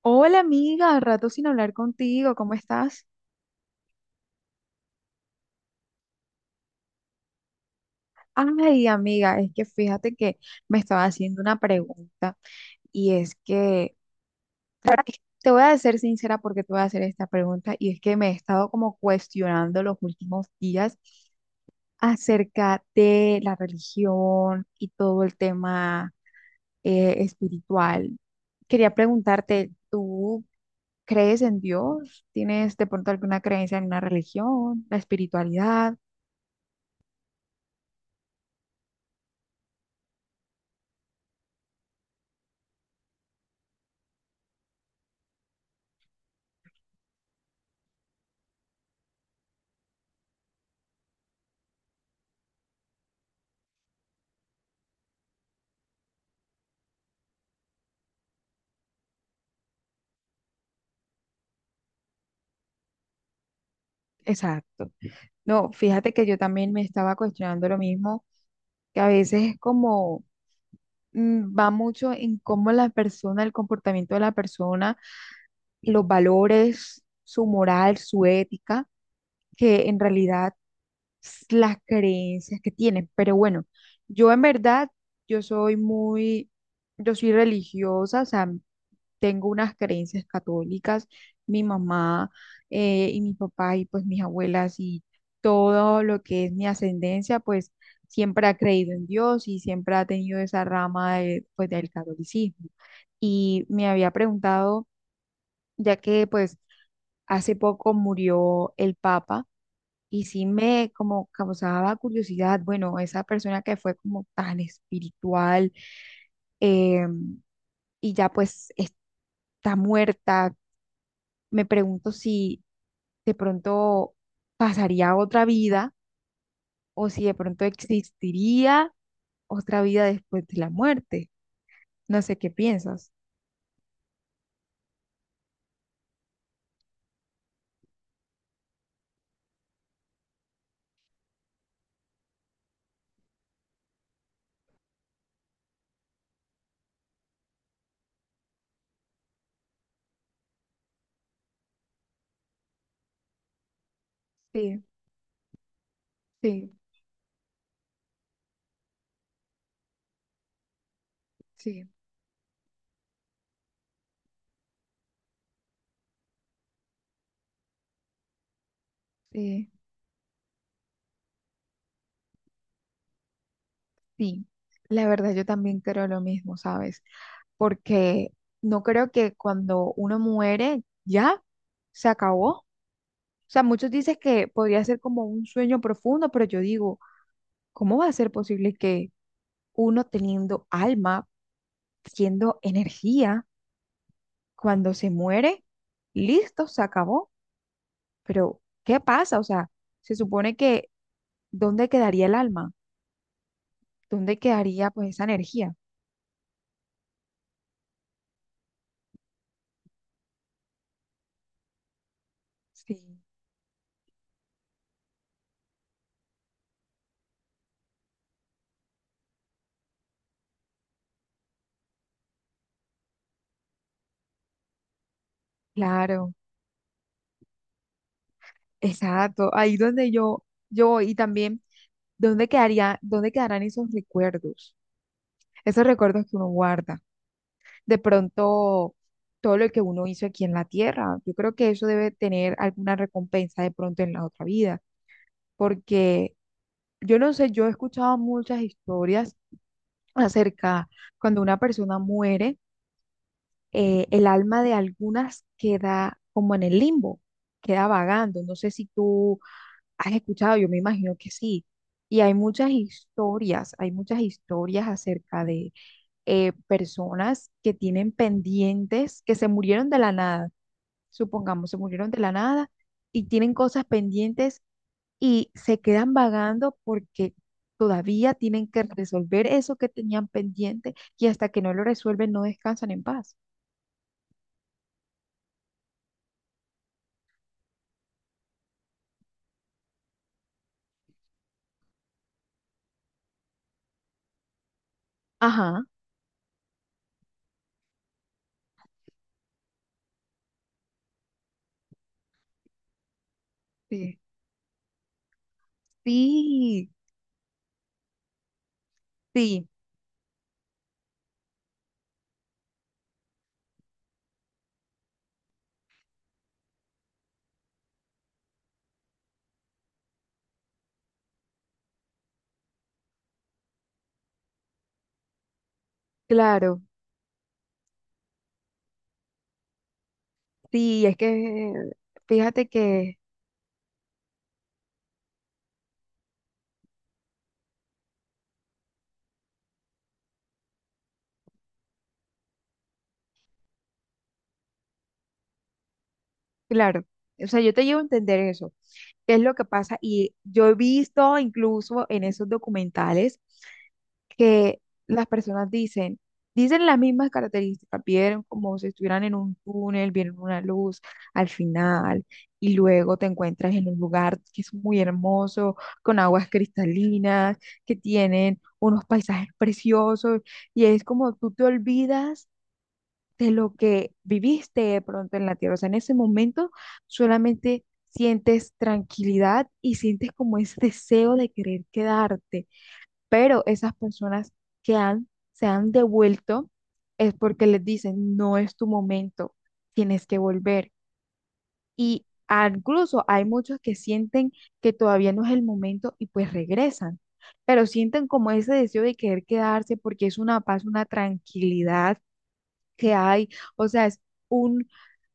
Hola amiga, rato sin hablar contigo, ¿cómo estás? Ay amiga, es que fíjate que me estaba haciendo una pregunta y es que te voy a ser sincera porque te voy a hacer esta pregunta y es que me he estado como cuestionando los últimos días acerca de la religión y todo el tema espiritual. Quería preguntarte, ¿tú crees en Dios? ¿Tienes de pronto alguna creencia en una religión, la espiritualidad? Exacto. No, fíjate que yo también me estaba cuestionando lo mismo, que a veces es como va mucho en cómo la persona, el comportamiento de la persona, los valores, su moral, su ética, que en realidad las creencias que tienen. Pero bueno, yo en verdad, yo soy muy, yo soy religiosa, o sea, tengo unas creencias católicas, mi mamá y mi papá y pues mis abuelas y todo lo que es mi ascendencia, pues siempre ha creído en Dios y siempre ha tenido esa rama de, pues, del catolicismo. Y me había preguntado, ya que pues hace poco murió el Papa. Y sí me como causaba curiosidad, bueno, esa persona que fue como tan espiritual eh, y ya pues está muerta, me pregunto si de pronto pasaría otra vida o si de pronto existiría otra vida después de la muerte. No sé qué piensas. Sí, sí, sí. Sí, sí, la verdad yo también creo lo mismo, ¿sabes? Porque no creo que cuando uno muere ya se acabó. O sea, muchos dicen que podría ser como un sueño profundo, pero yo digo, ¿cómo va a ser posible que uno teniendo alma, siendo energía? Cuando se muere, listo, se acabó. Pero, ¿qué pasa? O sea, se supone que ¿dónde quedaría el alma? ¿Dónde quedaría pues esa energía? Sí, claro, exacto. Ahí donde yo voy. Y también dónde quedaría, dónde quedarán esos recuerdos que uno guarda. De pronto, todo lo que uno hizo aquí en la tierra, yo creo que eso debe tener alguna recompensa de pronto en la otra vida, porque yo no sé, yo he escuchado muchas historias acerca cuando una persona muere, el alma de algunas queda como en el limbo, queda vagando. No sé si tú has escuchado, yo me imagino que sí. Y hay muchas historias acerca de personas que tienen pendientes, que se murieron de la nada, supongamos, se murieron de la nada y tienen cosas pendientes y se quedan vagando porque todavía tienen que resolver eso que tenían pendiente y hasta que no lo resuelven no descansan en paz. Ajá. Sí. Sí, sí, claro, sí, es que fíjate que, claro, o sea, yo te llevo a entender eso, qué es lo que pasa y yo he visto incluso en esos documentales que las personas dicen, dicen las mismas características, vieron como si estuvieran en un túnel, vieron una luz al final y luego te encuentras en un lugar que es muy hermoso, con aguas cristalinas, que tienen unos paisajes preciosos y es como tú te olvidas de lo que viviste de pronto en la tierra, o sea, en ese momento solamente sientes tranquilidad y sientes como ese deseo de querer quedarte pero esas personas que han, se han devuelto es porque les dicen, no es tu momento, tienes que volver. Y incluso hay muchos que sienten que todavía no es el momento y pues regresan, pero sienten como ese deseo de querer quedarse porque es una paz, una tranquilidad que hay, o sea, es un,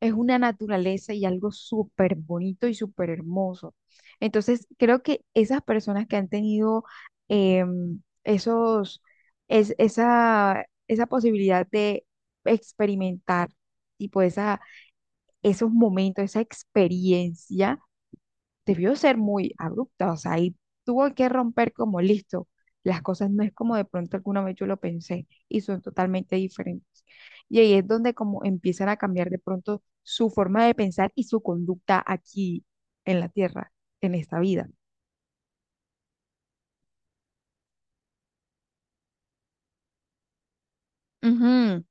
es una naturaleza y algo súper bonito y súper hermoso. Entonces, creo que esas personas que han tenido esos, es, esa posibilidad de experimentar, tipo, esa, esos momentos, esa experiencia, debió ser muy abrupta, o sea, ahí tuvo que romper como listo. Las cosas no es como de pronto alguna vez yo lo pensé y son totalmente diferentes. Y ahí es donde como empiezan a cambiar de pronto su forma de pensar y su conducta aquí en la tierra, en esta vida. Ujú.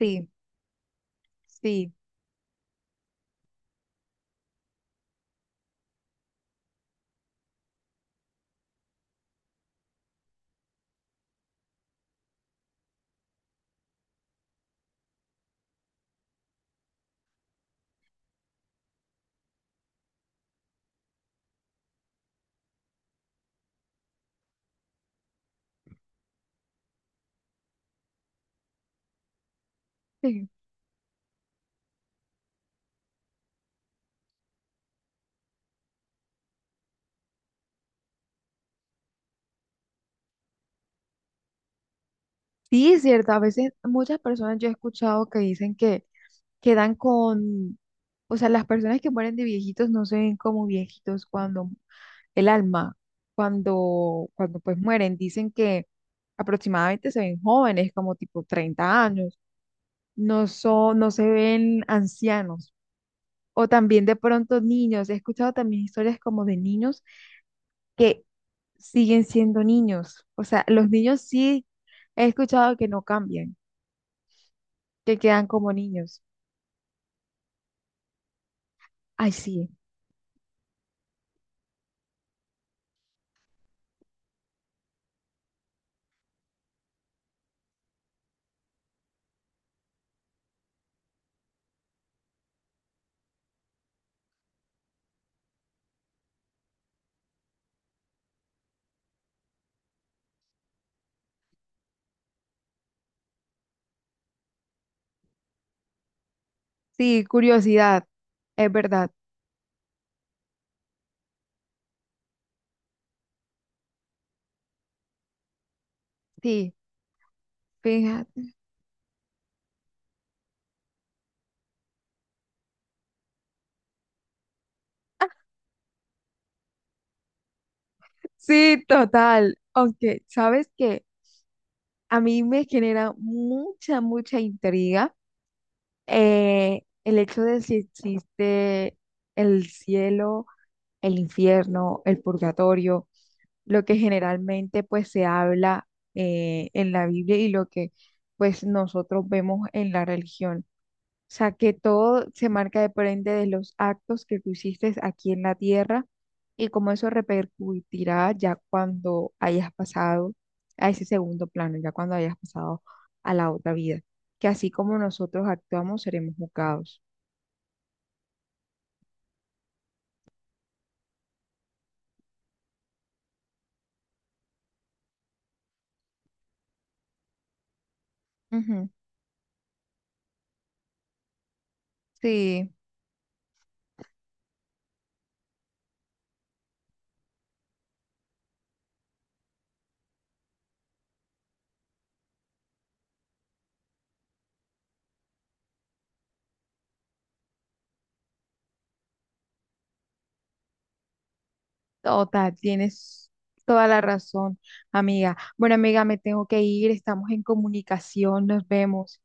Sí, sí, sí. Sí, es cierto. A veces muchas personas yo he escuchado que dicen que quedan con, o sea, las personas que mueren de viejitos no se ven como viejitos cuando el alma, cuando, cuando pues mueren, dicen que aproximadamente se ven jóvenes, como tipo 30 años, no son, no se ven ancianos, o también de pronto niños. He escuchado también historias como de niños que siguen siendo niños. O sea, los niños sí he escuchado que no cambian, que quedan como niños. Ay, sí, sí, curiosidad, es verdad, sí, fíjate. Sí, total. Aunque, ¿sabes qué? A mí me genera mucha, mucha intriga el hecho de si existe el cielo, el infierno, el purgatorio, lo que generalmente pues se habla en la Biblia y lo que pues nosotros vemos en la religión. O sea, que todo se marca depende de los actos que tú hiciste aquí en la tierra y cómo eso repercutirá ya cuando hayas pasado a ese segundo plano, ya cuando hayas pasado a la otra vida. Que así como nosotros actuamos, seremos juzgados. Ujú. Sí, total, tienes toda la razón, amiga. Bueno, amiga, me tengo que ir, estamos en comunicación, nos vemos.